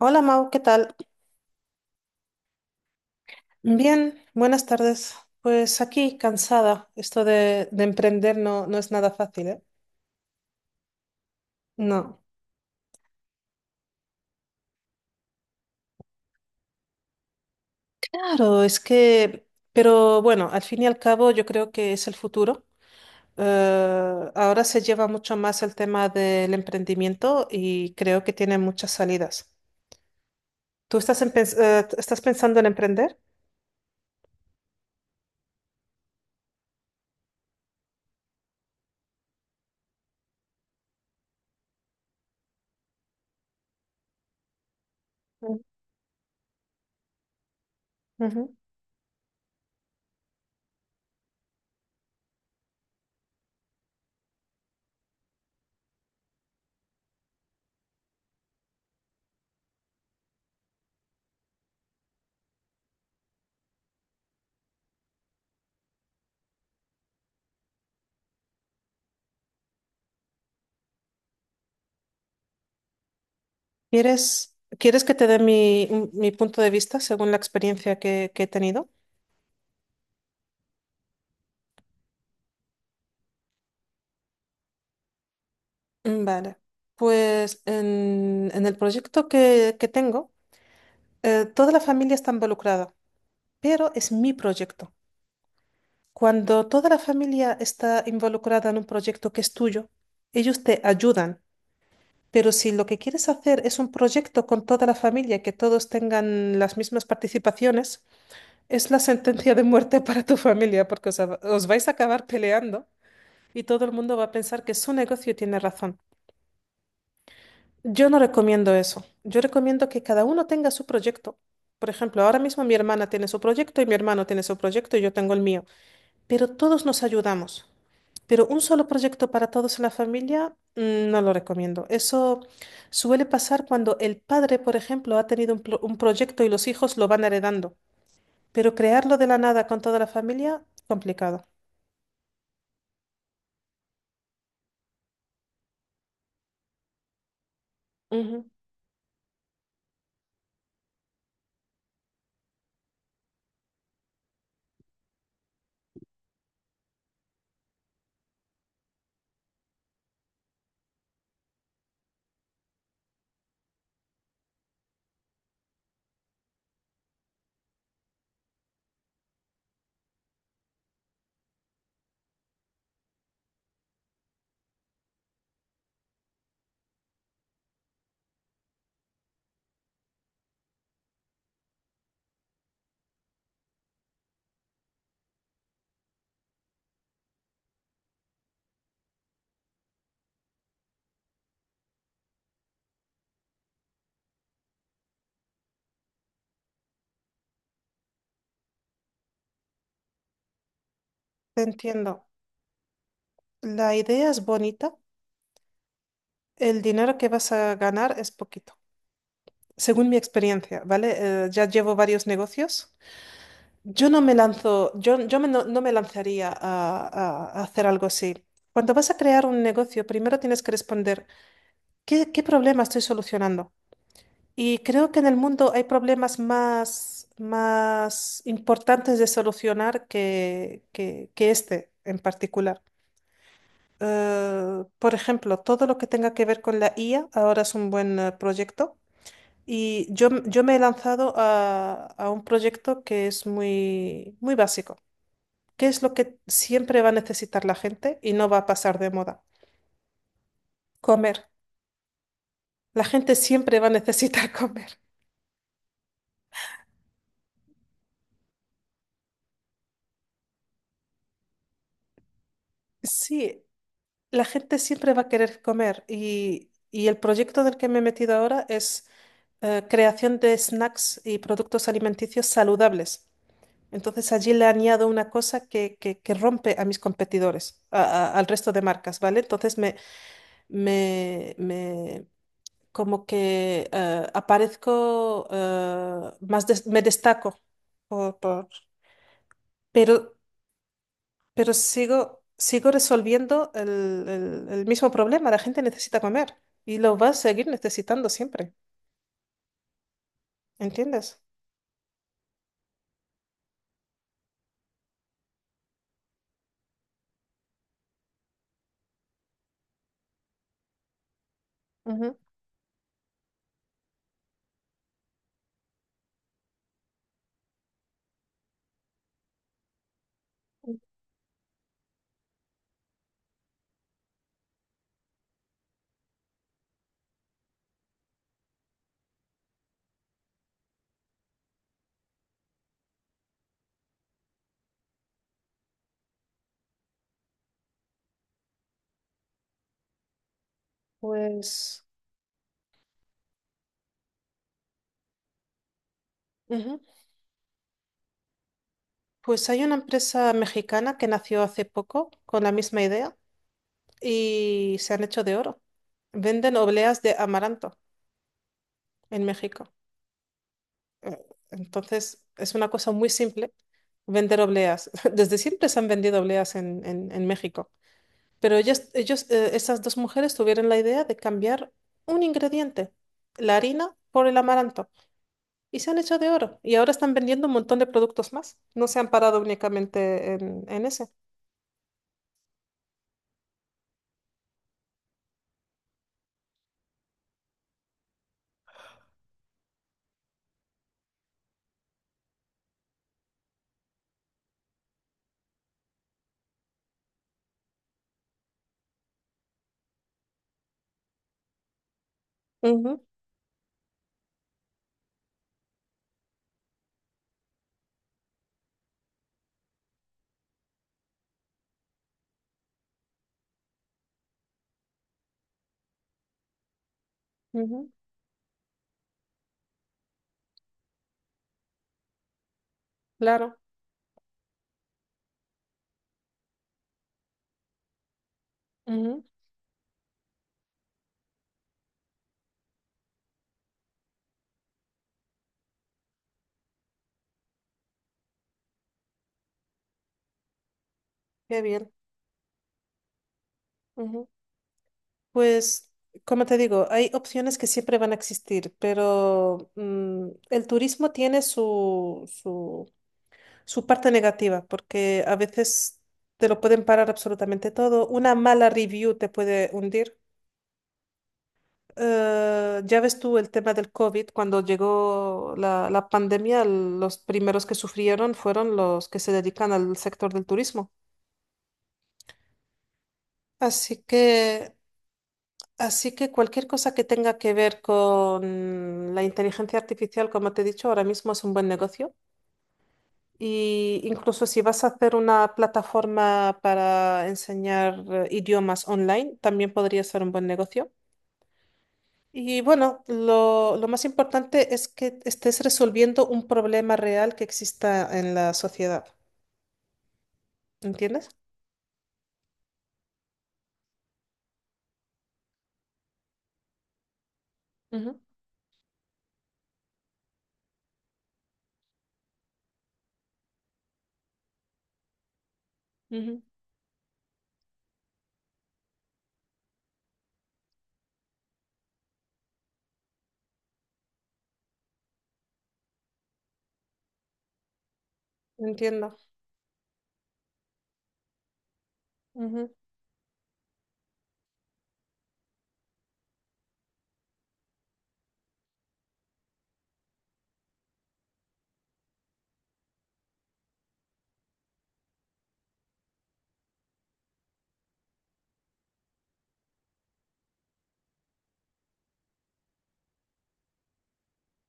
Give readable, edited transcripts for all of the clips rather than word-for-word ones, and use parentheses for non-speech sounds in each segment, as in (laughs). Hola Mau, ¿qué tal? Bien, buenas tardes. Pues aquí, cansada. Esto de emprender no es nada fácil, ¿eh? No. Claro, es que, pero bueno, al fin y al cabo yo creo que es el futuro. Ahora se lleva mucho más el tema del emprendimiento y creo que tiene muchas salidas. ¿Tú estás, estás pensando en emprender? Ujú. Ujú. Quieres que te dé mi punto de vista según la experiencia que he tenido? Vale, pues en el proyecto que tengo, toda la familia está involucrada, pero es mi proyecto. Cuando toda la familia está involucrada en un proyecto que es tuyo, ellos te ayudan, pero si lo que quieres hacer es un proyecto con toda la familia, que todos tengan las mismas participaciones, es la sentencia de muerte (laughs) para tu familia, porque os vais a acabar peleando y todo el mundo va a pensar que su negocio tiene razón. Yo no recomiendo eso. Yo recomiendo que cada uno tenga su proyecto. Por ejemplo, ahora mismo mi hermana tiene su proyecto y mi hermano tiene su proyecto y yo tengo el mío. Pero todos nos ayudamos. Pero un solo proyecto para todos en la familia, no lo recomiendo. Eso suele pasar cuando el padre, por ejemplo, ha tenido un proyecto y los hijos lo van heredando. Pero crearlo de la nada con toda la familia, complicado. Ujú. Te entiendo. La idea es bonita, el dinero que vas a ganar es poquito, según mi experiencia, ¿vale? Ya llevo varios negocios. Yo no me lanzo, yo me no, no me lanzaría a hacer algo así. Cuando vas a crear un negocio, primero tienes que responder, qué problema estoy solucionando? Y creo que en el mundo hay problemas más importantes de solucionar que este en particular. Por ejemplo, todo lo que tenga que ver con la IA ahora es un buen proyecto. Y yo me he lanzado a un proyecto que es muy, muy básico. ¿Qué es lo que siempre va a necesitar la gente y no va a pasar de moda? Comer. La gente siempre va a necesitar (laughs) comer. Sí, la gente siempre va a querer comer y el proyecto del que me he metido ahora es creación de snacks y productos alimenticios saludables. Entonces allí le añado una cosa que rompe a mis competidores, al resto de marcas, ¿vale? Entonces me como que aparezco me destaco por- por- pero sigo resolviendo el mismo problema, la gente necesita comer y lo va a seguir necesitando siempre, ¿entiendes? Ujú. Pues ujú. Pues hay una empresa mexicana que nació hace poco con la misma idea y se han hecho de oro. Venden obleas de amaranto en México. Eh, Entonces, es una cosa muy simple vender obleas. (laughs) Desde siempre se han vendido obleas en México. Pero ellos, esas dos mujeres tuvieron la idea de cambiar un ingrediente, la harina, por el amaranto. Y se han hecho de oro. Y ahora están vendiendo un montón de productos más. No se han parado únicamente en ese. Ujú, ujú, claro. Ujú, qué bien. Ujú. Pues, como te digo, hay opciones que siempre van a existir, pero el turismo tiene su parte negativa, porque a veces te lo pueden parar absolutamente todo. Una mala review te puede hundir. Ya ves tú el tema del COVID, cuando llegó la pandemia, los primeros que sufrieron fueron los que se dedican al sector del turismo. Así que Así que cualquier cosa que tenga que ver con la inteligencia artificial, como te he dicho, ahora mismo es un buen negocio. Y incluso si vas a hacer una plataforma para enseñar idiomas online, también podría ser un buen negocio. Y bueno, lo más importante es que estés resolviendo un problema real que exista en la sociedad. ¿Entiendes? Ujú, ujú, entiendo. Ujú,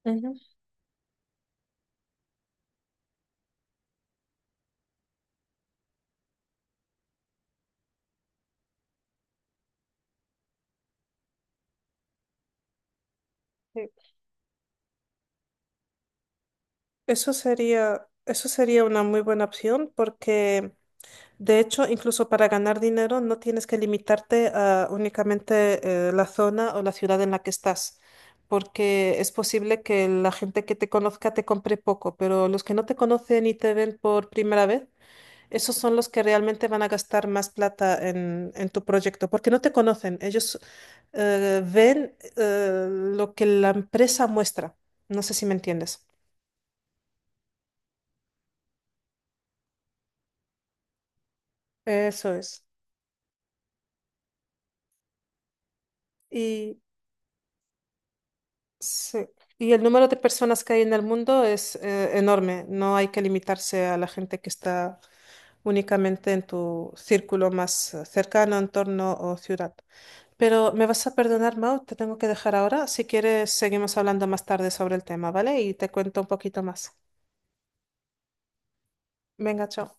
ujú. Sí. Eso sería una muy buena opción porque de hecho, incluso para ganar dinero no tienes que limitarte a únicamente la zona o la ciudad en la que estás, porque es posible que la gente que te conozca te compre poco, pero los que no te conocen y te ven por primera vez, esos son los que realmente van a gastar más plata en tu proyecto, porque no te conocen, ellos ven lo que la empresa muestra. No sé si me entiendes. Eso es. Sí. Y el número de personas que hay en el mundo es enorme. No hay que limitarse a la gente que está únicamente en tu círculo más cercano, entorno o ciudad. Pero me vas a perdonar, Mau, te tengo que dejar ahora. Si quieres, seguimos hablando más tarde sobre el tema, ¿vale? Y te cuento un poquito más. Venga, chao.